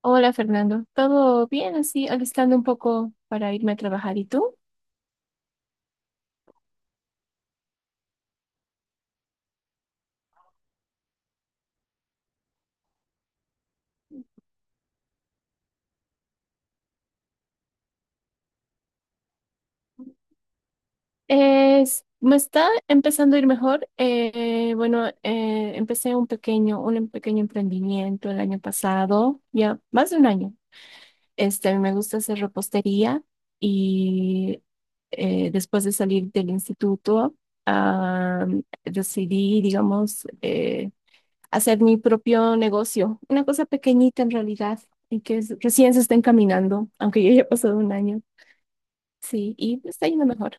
Hola Fernando, ¿todo bien así? Alistando un poco para irme a trabajar. ¿Y tú? Es- me está empezando a ir mejor. Bueno, empecé un pequeño emprendimiento el año pasado, ya más de un año. A mí me gusta hacer repostería y después de salir del instituto, ah, decidí, digamos, hacer mi propio negocio, una cosa pequeñita en realidad, y que es- recién se está encaminando, aunque ya haya pasado un año. Sí, y está yendo mejor.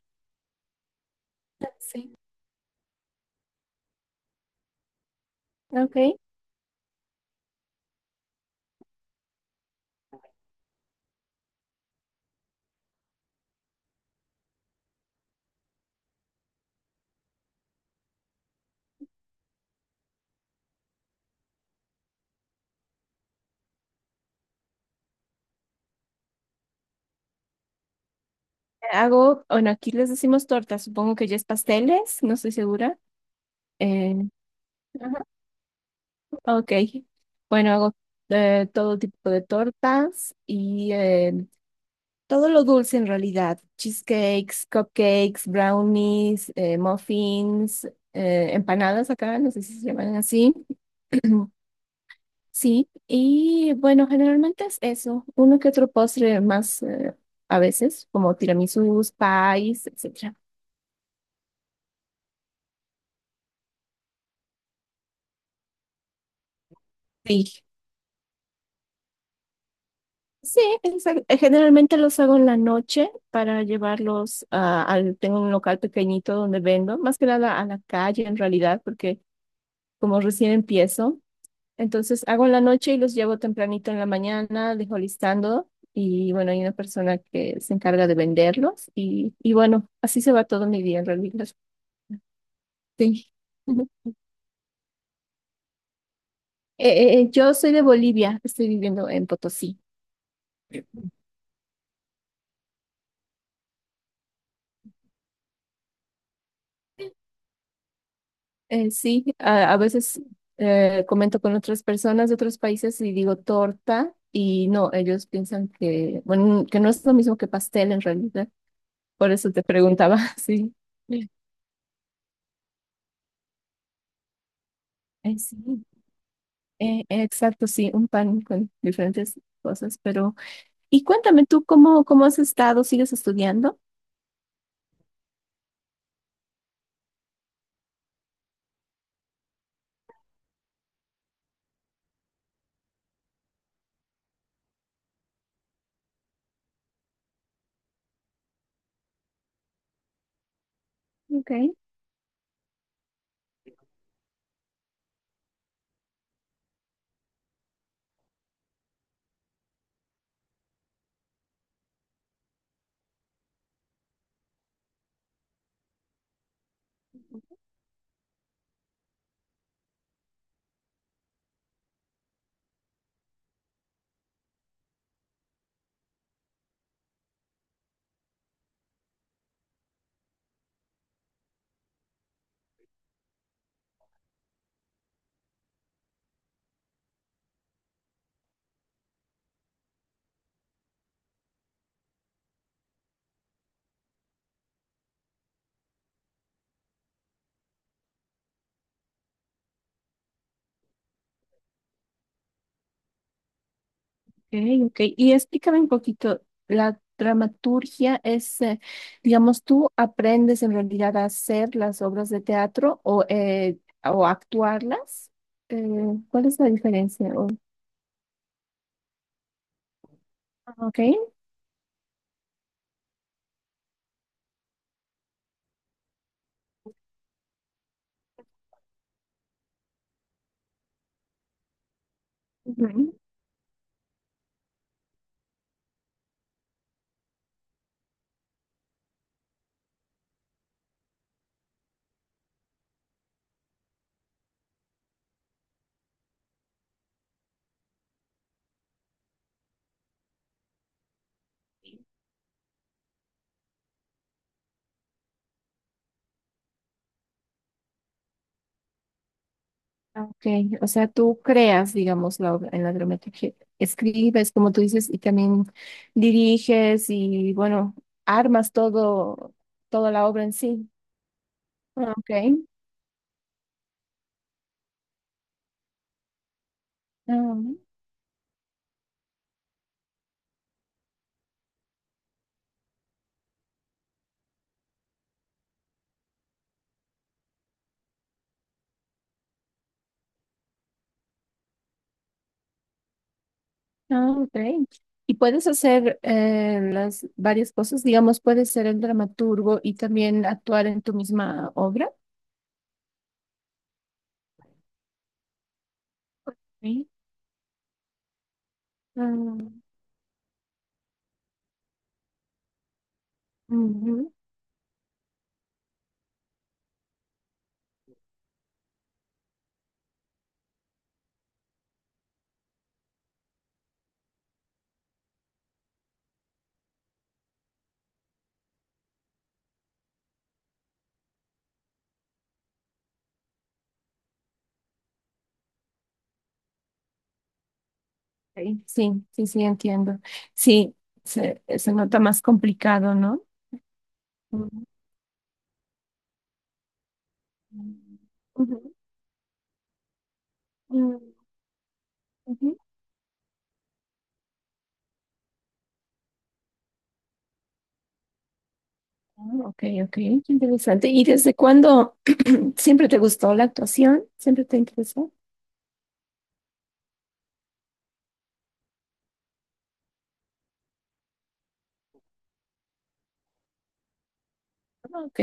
Sí, ok. Hago, bueno, aquí les decimos tortas, supongo que ya es pasteles, no estoy segura. Eh, Ok, bueno, hago todo tipo de tortas y todo lo dulce en realidad, cheesecakes, cupcakes, brownies, muffins, empanadas acá, no sé si se llaman así. Sí, y bueno, generalmente es eso, uno que otro postre más a veces, como tiramisús, pies, etcétera. Sí. Sí, exa- generalmente los hago en la noche para llevarlos al, tengo un local pequeñito donde vendo, más que nada a la calle en realidad, porque como recién empiezo, entonces hago en la noche y los llevo tempranito en la mañana, dejo listando y bueno, hay una persona que se encarga de venderlos y bueno, así se va todo mi día en realidad. Sí. Yo soy de Bolivia, estoy viviendo en Potosí. Sí, a veces comento con otras personas de otros países y digo torta y no, ellos piensan que, bueno, que no es lo mismo que pastel en realidad. Por eso te preguntaba, sí. Eh, sí, exacto, sí, un pan con diferentes cosas, pero... Y cuéntame tú, ¿cómo, cómo has estado? ¿Sigues estudiando? Okay. Ok, ok. Y explícame un poquito, la dramaturgia es, digamos, tú aprendes en realidad a hacer las obras de teatro o actuarlas. Eh, ¿Cuál es la diferencia? O- ok. Ujú. Ok, o sea, tú creas, digamos, la obra en la dramaturgia, escribes, como tú dices, y también diriges y, bueno, armas todo, toda la obra en sí. Ok. Ah, ok. Y puedes hacer las varias cosas, digamos, puedes ser el dramaturgo y también actuar en tu misma obra. Sí. Ah, ujú. Sí, sí, sí, sí, entiendo. Sí, se nota más complicado, ¿no? Ujú. Ujú, mm, ujú. Ah, Ok, ok, qué interesante. ¿Y desde cuándo siempre te gustó la actuación? ¿Siempre te interesó? Ah, ok,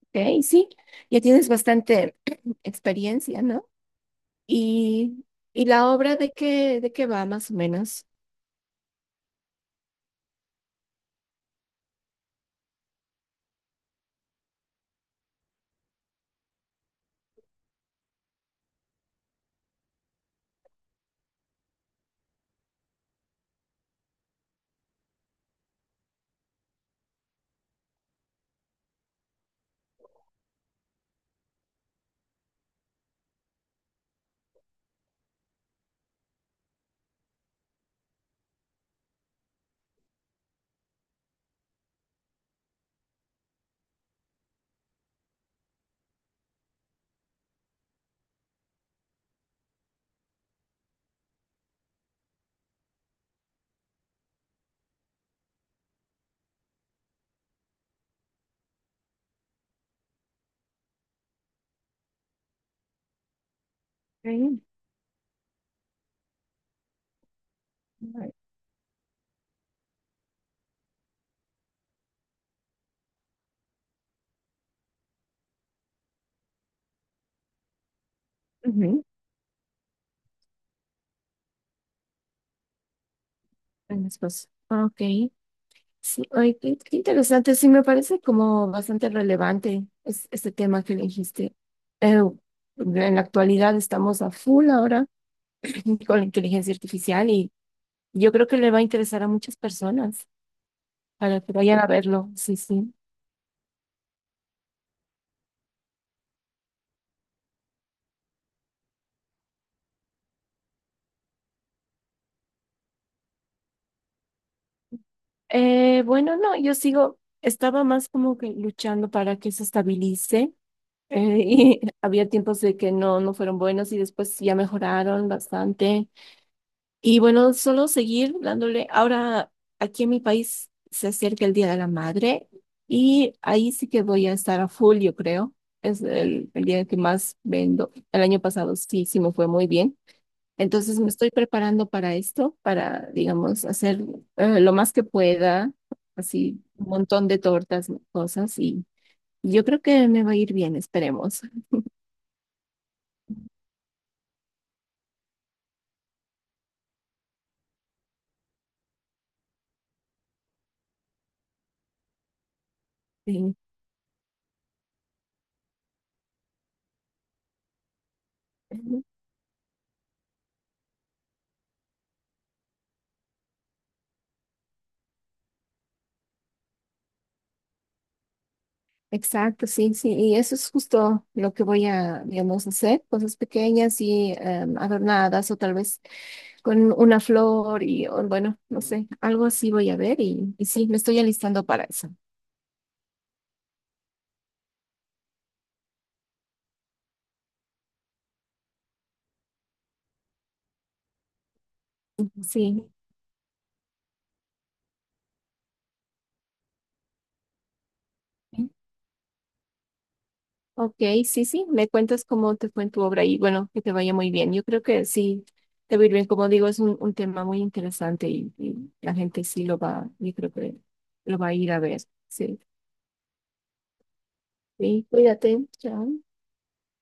ok, sí. Ya tienes bastante experiencia, ¿no? ¿Y, y la obra de qué va más o menos? Ok. Ujú. En esposo. Ah, ok. Sí, ay, qué, qué interesante. Sí, me parece como bastante relevante es- este tema que elegiste. Eh, en la actualidad estamos a full ahora con la inteligencia artificial y yo creo que le va a interesar a muchas personas para que vayan a verlo. Sí, sí. Bueno, no, yo sigo, estaba más como que luchando para que se estabilice. Y había tiempos de que no, no fueron buenos y después ya mejoraron bastante. Y bueno, solo seguir dándole. Ahora, aquí en mi país se acerca el Día de la Madre y ahí sí que voy a estar a full, yo creo. Es el día que más vendo. El año pasado sí, sí me fue muy bien. Entonces me estoy preparando para esto, para, digamos, hacer lo más que pueda, así un montón de tortas, cosas, y yo creo que me va a ir bien, esperemos. Sí. Ujú. Exacto, sí, sí, y eso es justo lo que voy a, digamos, hacer, cosas pequeñas y adornadas o tal vez con una flor y, o, bueno, no sé, algo así voy a ver y sí, me estoy alistando para eso. Sí. Ok, sí, sí, me cuentas cómo te fue en tu obra y bueno, que te vaya muy bien. Yo creo que sí, te va a ir bien. Como digo, es un tema muy interesante y la gente sí lo va, yo creo que lo va a ir a ver. Sí, sí, cuídate, chao.